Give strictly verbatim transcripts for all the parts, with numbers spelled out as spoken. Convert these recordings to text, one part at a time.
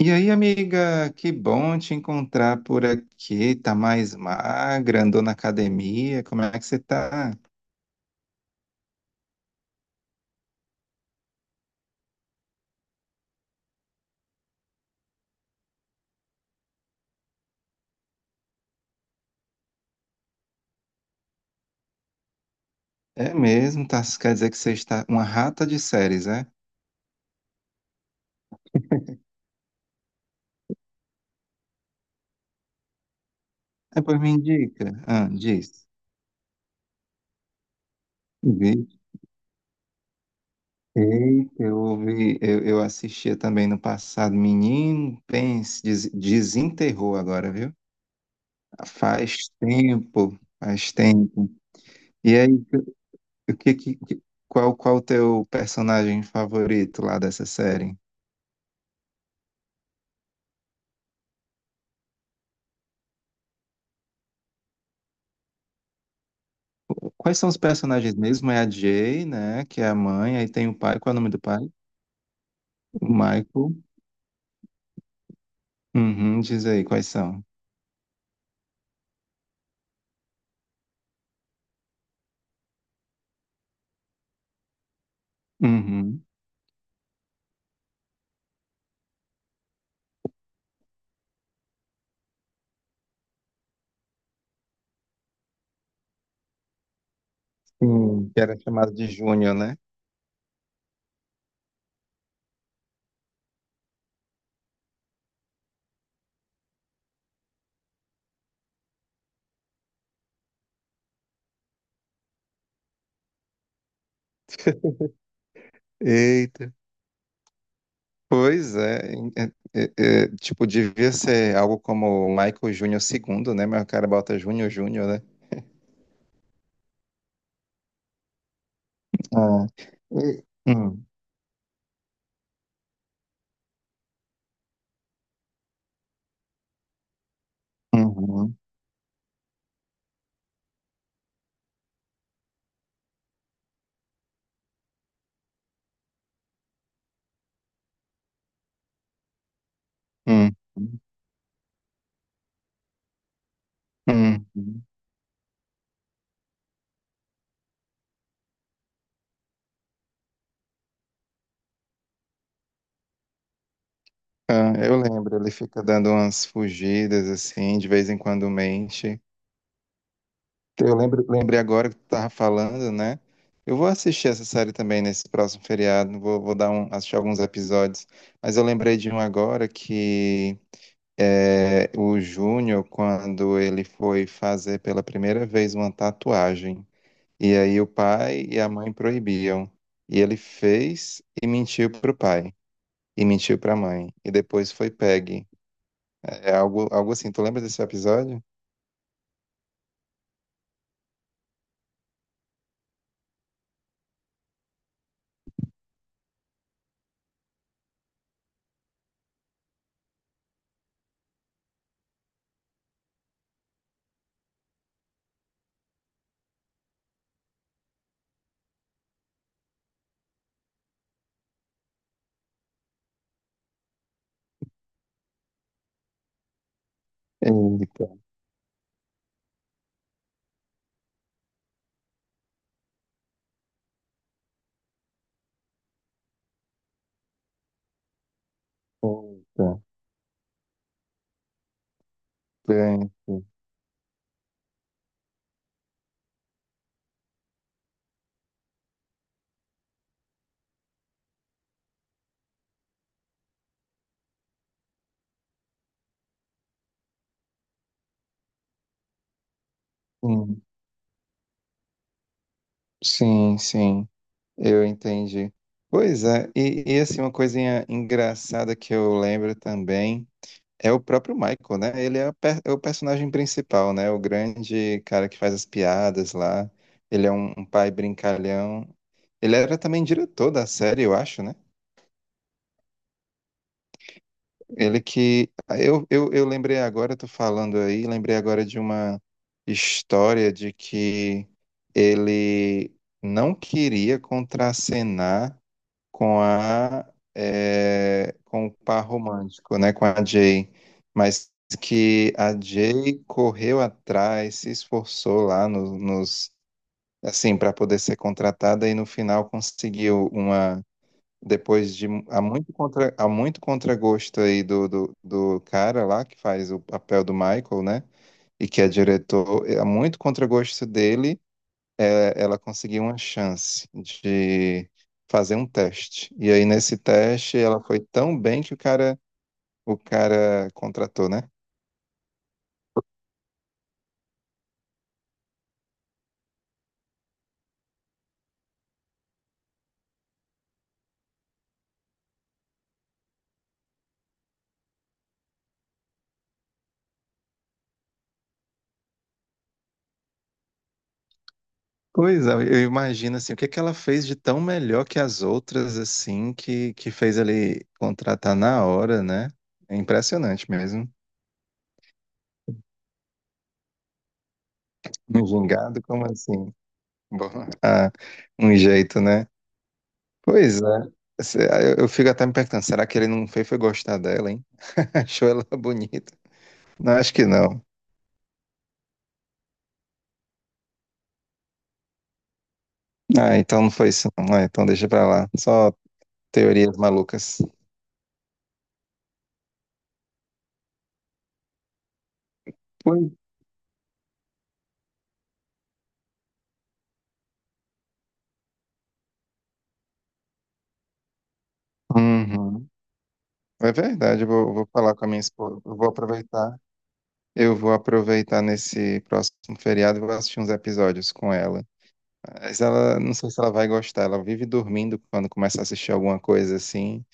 E aí, amiga, que bom te encontrar por aqui. Tá mais magra, andou na academia. Como é que você tá? É mesmo, tá? Quer dizer que você está uma rata de séries, é? É, pois me indica. Ah, diz. Vi. Eita, eu ouvi, eu, eu assistia também no passado. Menino, pense, des- desenterrou agora, viu? Faz tempo, faz tempo. E aí, o que, que, que- qual, qual o teu personagem favorito lá dessa série? Quais são os personagens mesmo? É a Jay, né? Que é a mãe. Aí tem o pai. Qual é o nome do pai? O Michael. Uhum, diz aí quais são. Uhum. Sim, que era chamado de Júnior, né? Eita. Pois é, é, é, é, tipo, devia ser algo como Michael Júnior segundo, né? Mas o cara bota Júnior Júnior, né? Ah. E- Hum, uhum, uhum, uhum. Ah, eu lembro, ele fica dando umas fugidas, assim, de vez em quando mente. Eu lembro, lembrei agora que tu tava falando, né? Eu vou assistir essa série também nesse próximo feriado, vou, vou dar um, assistir alguns episódios, mas eu lembrei de um agora que é, o Júnior, quando ele foi fazer pela primeira vez uma tatuagem, e aí o pai e a mãe proibiam, e ele fez e mentiu pro pai, e mentiu pra mãe, e depois foi pegue. É algo, algo assim, tu lembra desse episódio? Eita, eita. Bem, sim. Sim, sim, eu entendi. Pois é, e, e assim, uma coisinha engraçada que eu lembro também é o próprio Michael, né? Ele é, a per- É o personagem principal, né? O grande cara que faz as piadas lá. Ele é um, um pai brincalhão. Ele era também diretor da série, eu acho, né? Ele que. Ah, Eu, eu, eu lembrei agora, tô falando aí, lembrei agora de uma história de que ele não queria contracenar com a é, com o par romântico, né, com a Jay, mas que a Jay correu atrás, se esforçou lá no- nos assim para poder ser contratada e no final conseguiu uma depois de mu- há muito contra há muito contragosto aí do, do, do cara lá que faz o papel do Michael, né? E que é diretor, há muito contragosto dele, ela conseguiu uma chance de fazer um teste. E aí nesse teste ela foi tão bem que o cara, o cara contratou, né? Pois é, eu imagino assim, o que que ela fez de tão melhor que as outras assim que que fez ele contratar na hora, né? É impressionante mesmo. Um gingado como assim? Bom, ah, um jeito, né? Pois é. Se- Eu eu fico até me perguntando, será que ele não fez foi gostar dela, hein? Achou ela bonita? Não, acho que não. Ah, então não foi isso, não. Ah, então deixa pra lá. Só teorias malucas. Foi. Uhum. É verdade, eu vou, vou falar com a minha esposa. Eu vou aproveitar. Eu vou aproveitar nesse próximo feriado e vou assistir uns episódios com ela. Mas ela, não sei se ela vai gostar. Ela vive dormindo quando começa a assistir alguma coisa assim.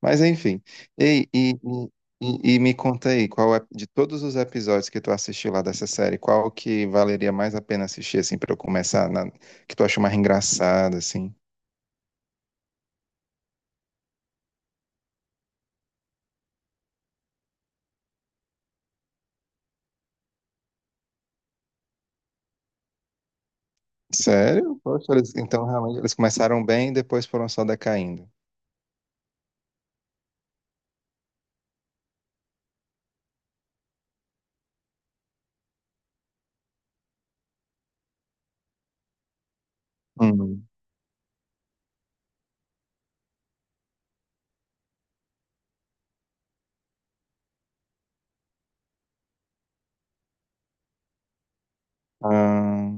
Mas enfim. Ei, E, e, e, e me conta aí, qual é, de todos os episódios que tu assistiu lá dessa série, qual que valeria mais a pena assistir, assim, pra eu começar, na- que tu acha mais engraçado, assim? Sério? Poxa, eles- então realmente eles começaram bem e depois foram só decaindo. Uhum. Ah,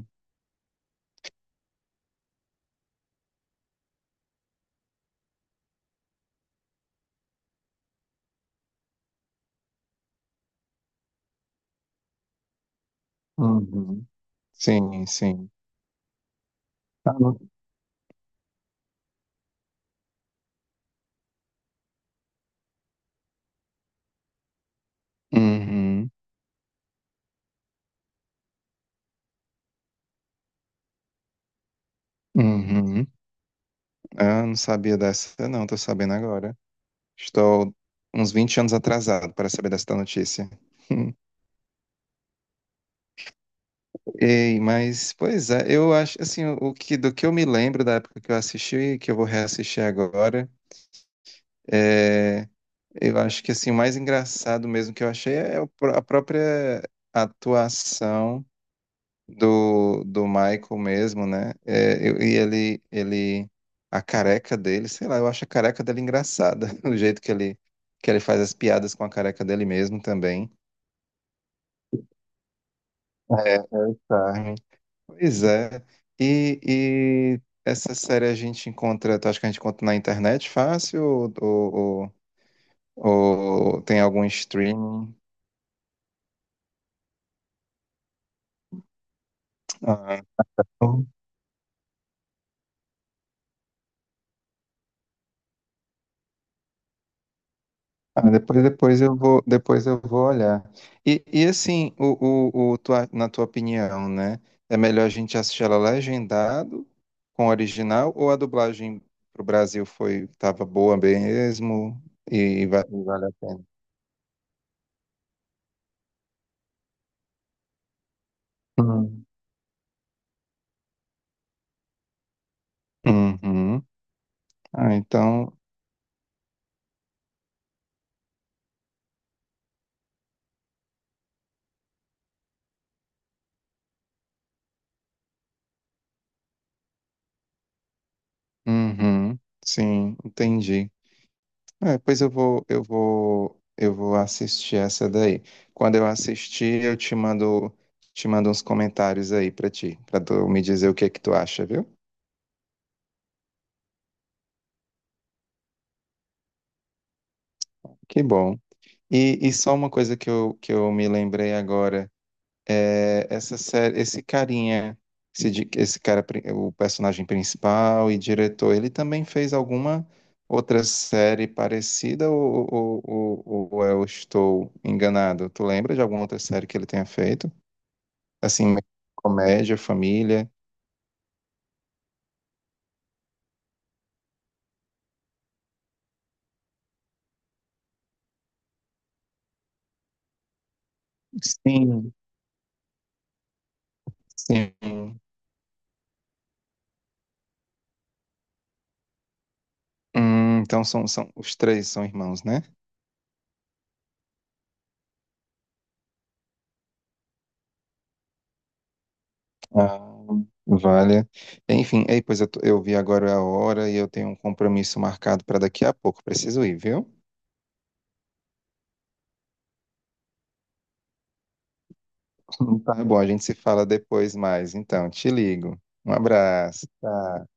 uhum. Sim, sim. Ah, não. Uhum, uhum. Ah, não sabia dessa, não, tô sabendo agora. Estou uns vinte anos atrasado para saber dessa notícia. Ei, mas, pois é, eu acho, assim, o que, do que eu me lembro da época que eu assisti, que eu vou reassistir agora, é, eu acho que assim, o mais engraçado mesmo que eu achei é o pró- a própria atuação do, do Michael mesmo, né? É, eu- e ele, ele, a careca dele, sei lá, eu acho a careca dele engraçada, o jeito que ele, que ele faz as piadas com a careca dele mesmo também. Charme. Pois é. E, e essa série a gente encontra, tu acha que a gente encontra na internet fácil ou, ou, ou- ou tem algum streaming? Ah. Ah, depois, depois eu vou, depois eu vou olhar. E, e assim, o, o, o tua- na tua opinião, né? É melhor a gente assistir ela legendado com o original ou a dublagem pro Brasil foi tava boa mesmo e, va- e vale a pena? Hum. Uhum. Ah, então, uhum. Sim, entendi. É, pois eu vou, eu vou, eu vou assistir essa daí. Quando eu assistir, eu te mando, te mando uns comentários aí pra ti, pra tu me dizer o que é que tu acha, viu? Que bom. E, e só uma coisa que eu, que eu me lembrei agora é essa série, esse carinha, esse, di- esse cara, pri- o personagem principal e diretor, ele também fez alguma outra série parecida ou, ou, ou, ou ou eu estou enganado? Tu lembra de alguma outra série que ele tenha feito? Assim, comédia, família. Sim, sim. Hum, então são, são os três são irmãos, né? Ah, vale. Enfim, ei, pois eu, tô- eu vi agora a hora e eu tenho um compromisso marcado para daqui a pouco. Preciso ir, viu? Tá bom, a gente se fala depois mais. Então, te ligo. Um abraço. Tchau.